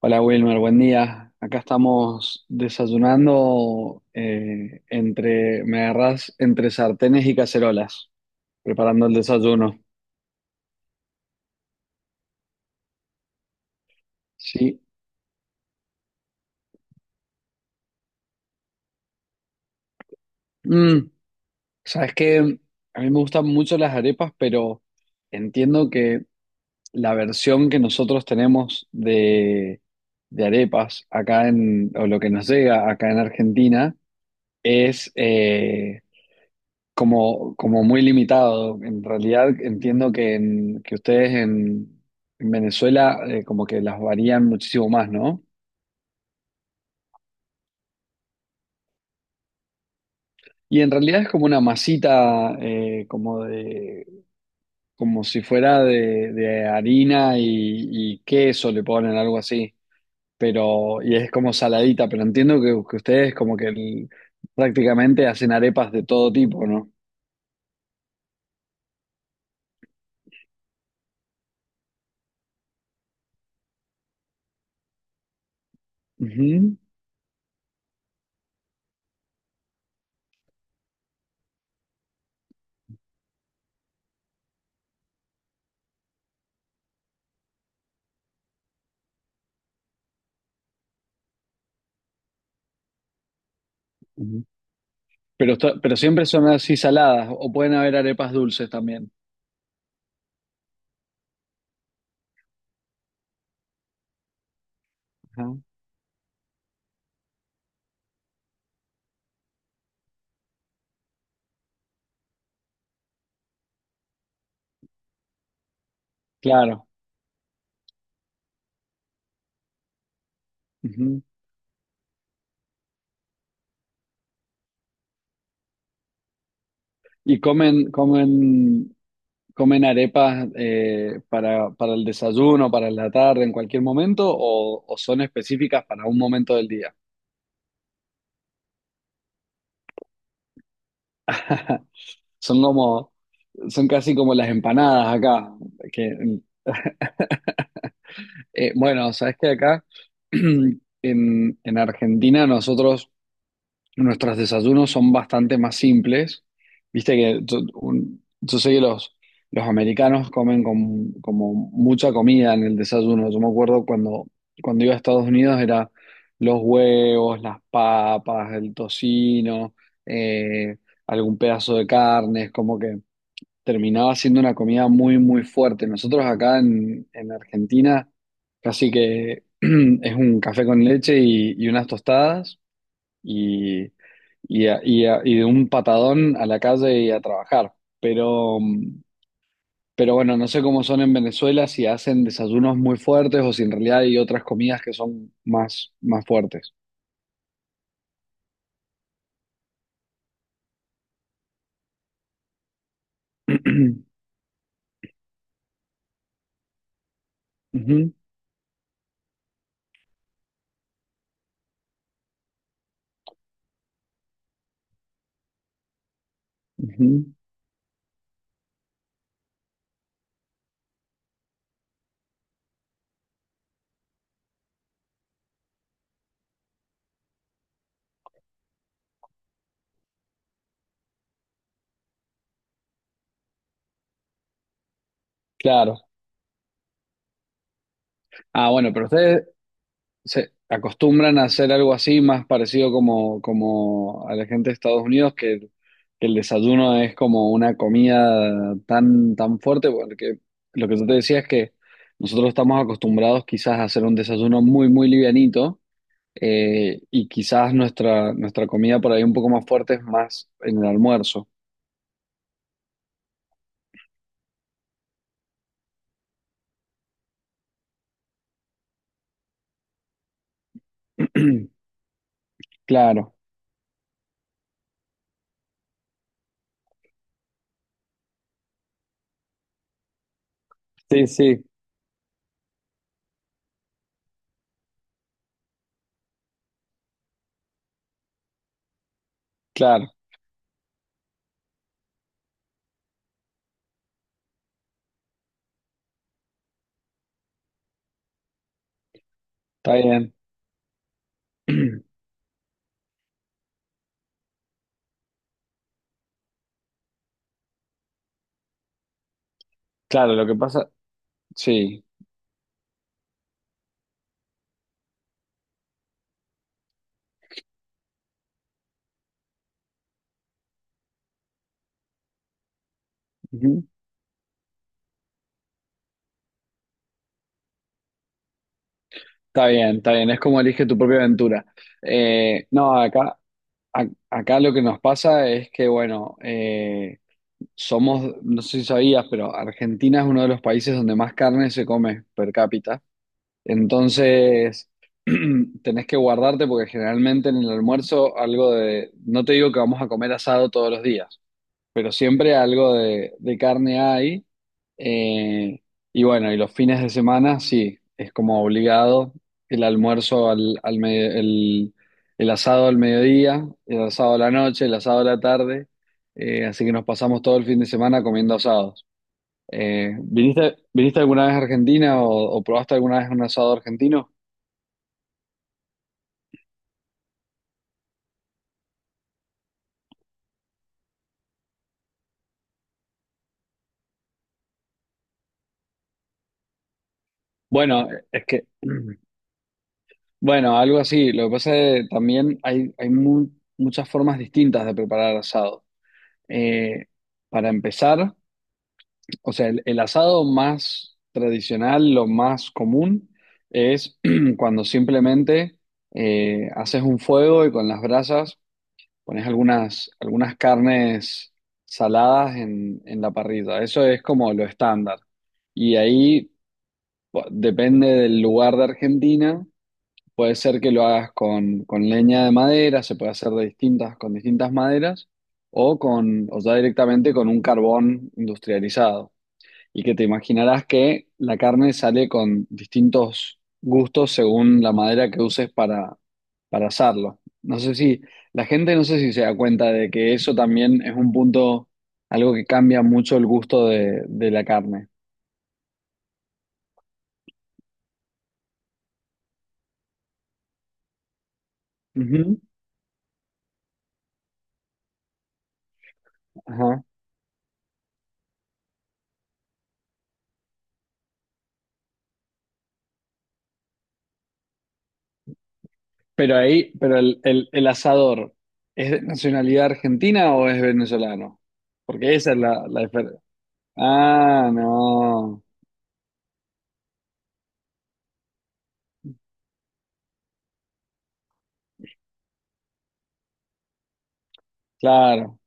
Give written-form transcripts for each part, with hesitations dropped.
Hola Wilmer, buen día. Acá estamos desayunando me agarrás entre sartenes y cacerolas, preparando el desayuno. Sí. Mm, sabes que a mí me gustan mucho las arepas, pero entiendo que la versión que nosotros tenemos de arepas o lo que nos llega acá en Argentina, es como muy limitado. En realidad entiendo que ustedes en Venezuela como que las varían muchísimo más, ¿no? Y en realidad es como una masita, como si fuera de harina y queso le ponen algo así. Y es como saladita, pero entiendo que ustedes como prácticamente hacen arepas de todo tipo, ¿no? Ujú, ujú. Pero siempre son así saladas, o pueden haber arepas dulces también. Claro. Ujú. Y comen arepas para el desayuno, para la tarde, en cualquier momento, o son específicas para un momento del día. Son como, son casi como las empanadas acá. Que, bueno, sabes que acá en Argentina nosotros, nuestros desayunos son bastante más simples. Viste que yo sé que los americanos comen como mucha comida en el desayuno. Yo me acuerdo cuando iba a Estados Unidos era los huevos, las papas, el tocino, eh, algún pedazo de carne. Es como que terminaba siendo una comida muy, muy fuerte. Nosotros acá en Argentina casi que es un café con leche y unas tostadas y, y de un patadón a la calle y a trabajar. Pero, mm, pero bueno, no sé cómo son en Venezuela, si hacen desayunos muy fuertes o si en realidad hay otras comidas que son más, más fuertes. Ujú, ujú. Claro. Ah, bueno, pero ustedes se acostumbran a hacer algo así, más parecido como, como a la gente de Estados Unidos, que el desayuno es como una comida tan, tan fuerte, porque lo que yo te decía es que nosotros estamos acostumbrados quizás a hacer un desayuno muy, muy livianito, y quizás nuestra, nuestra comida por ahí un poco más fuerte es más en el almuerzo. Claro, sí, sí, claro, está bien. Claro, lo que pasa, sí. Ujú. Está bien, es como elige tu propia aventura. No, acá, a- acá lo que nos pasa es que, somos, no sé si sabías, pero Argentina es uno de los países donde más carne se come per cápita. Entonces, tenés que guardarte porque generalmente en el almuerzo no te digo que vamos a comer asado todos los días, pero siempre algo de carne hay. Eh, y bueno, y los fines de semana sí, es como obligado el almuerzo al, al medio- el asado al mediodía, el asado a la noche, el asado a la tarde. Así que nos pasamos todo el fin de semana comiendo asados. ¿ Viniste alguna vez a Argentina o probaste alguna vez un asado argentino? Bueno, es que, bueno, algo así. Lo que pasa es que también muchas formas distintas de preparar asado. Eh, para empezar, o sea, el asado más tradicional, lo más común, es cuando simplemente haces un fuego y con las brasas pones algunas carnes saladas en la parrilla. Eso es como lo estándar. Y ahí depende del lugar de Argentina. Puede ser que lo hagas con leña de madera, se puede hacer con distintas maderas, o ya directamente con un carbón industrializado. Y que te imaginarás que la carne sale con distintos gustos según la madera que uses para asarlo. No sé si, la gente no sé si se da cuenta de que eso también es algo que cambia mucho el gusto de la carne. Ujú, ajá. Pero ahí, el asador, ¿es de nacionalidad argentina o es venezolano? Porque esa es la diferencia. Ah, no, claro,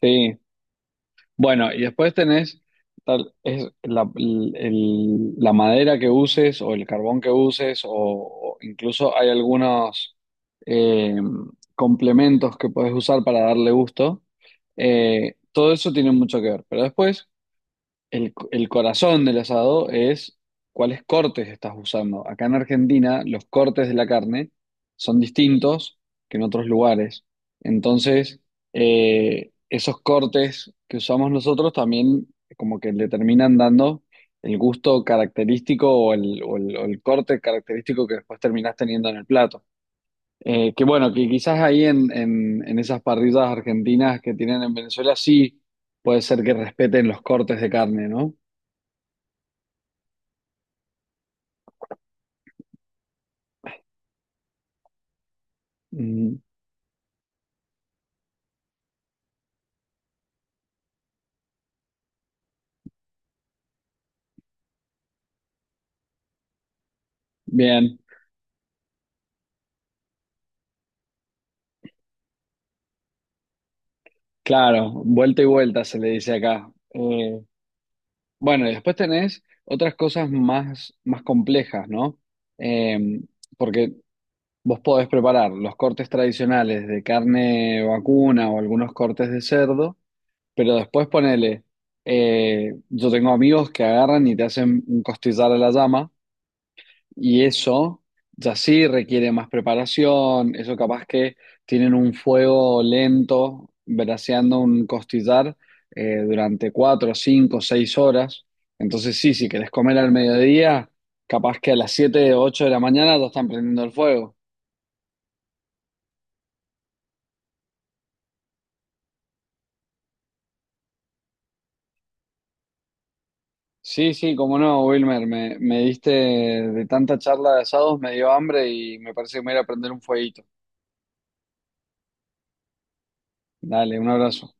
sí. Bueno, y después tenés tal, es la madera que uses o el carbón que uses o incluso hay algunos eh, complementos que puedes usar para darle gusto. Todo eso tiene mucho que ver. Pero después… el corazón del asado es cuáles cortes estás usando. Acá en Argentina, los cortes de la carne son distintos que en otros lugares. Entonces, esos cortes que usamos nosotros también como que le terminan dando el gusto característico o el corte característico que después terminás teniendo en el plato. Que bueno, que quizás ahí en esas parrillas argentinas que tienen en Venezuela sí puede ser que respeten los cortes de carne, ¿no? Mm, bien, claro, vuelta y vuelta se le dice acá. Bueno, y después tenés otras cosas más, más complejas, ¿no? Eh, porque vos podés preparar los cortes tradicionales de carne vacuna o algunos cortes de cerdo, pero después ponele, yo tengo amigos que agarran y te hacen un costillar a la llama. Y eso ya sí requiere más preparación, eso capaz que tienen un fuego lento, braseando un costillar durante 4, 5, 6 horas. Entonces sí, si querés comer al mediodía, capaz que a las 7, 8 de la mañana ya están prendiendo el fuego. Sí, sí, cómo no, Wilmer, me diste de tanta charla de asados, me dio hambre y me parece que me voy a ir a prender un fueguito. Dale, un abrazo.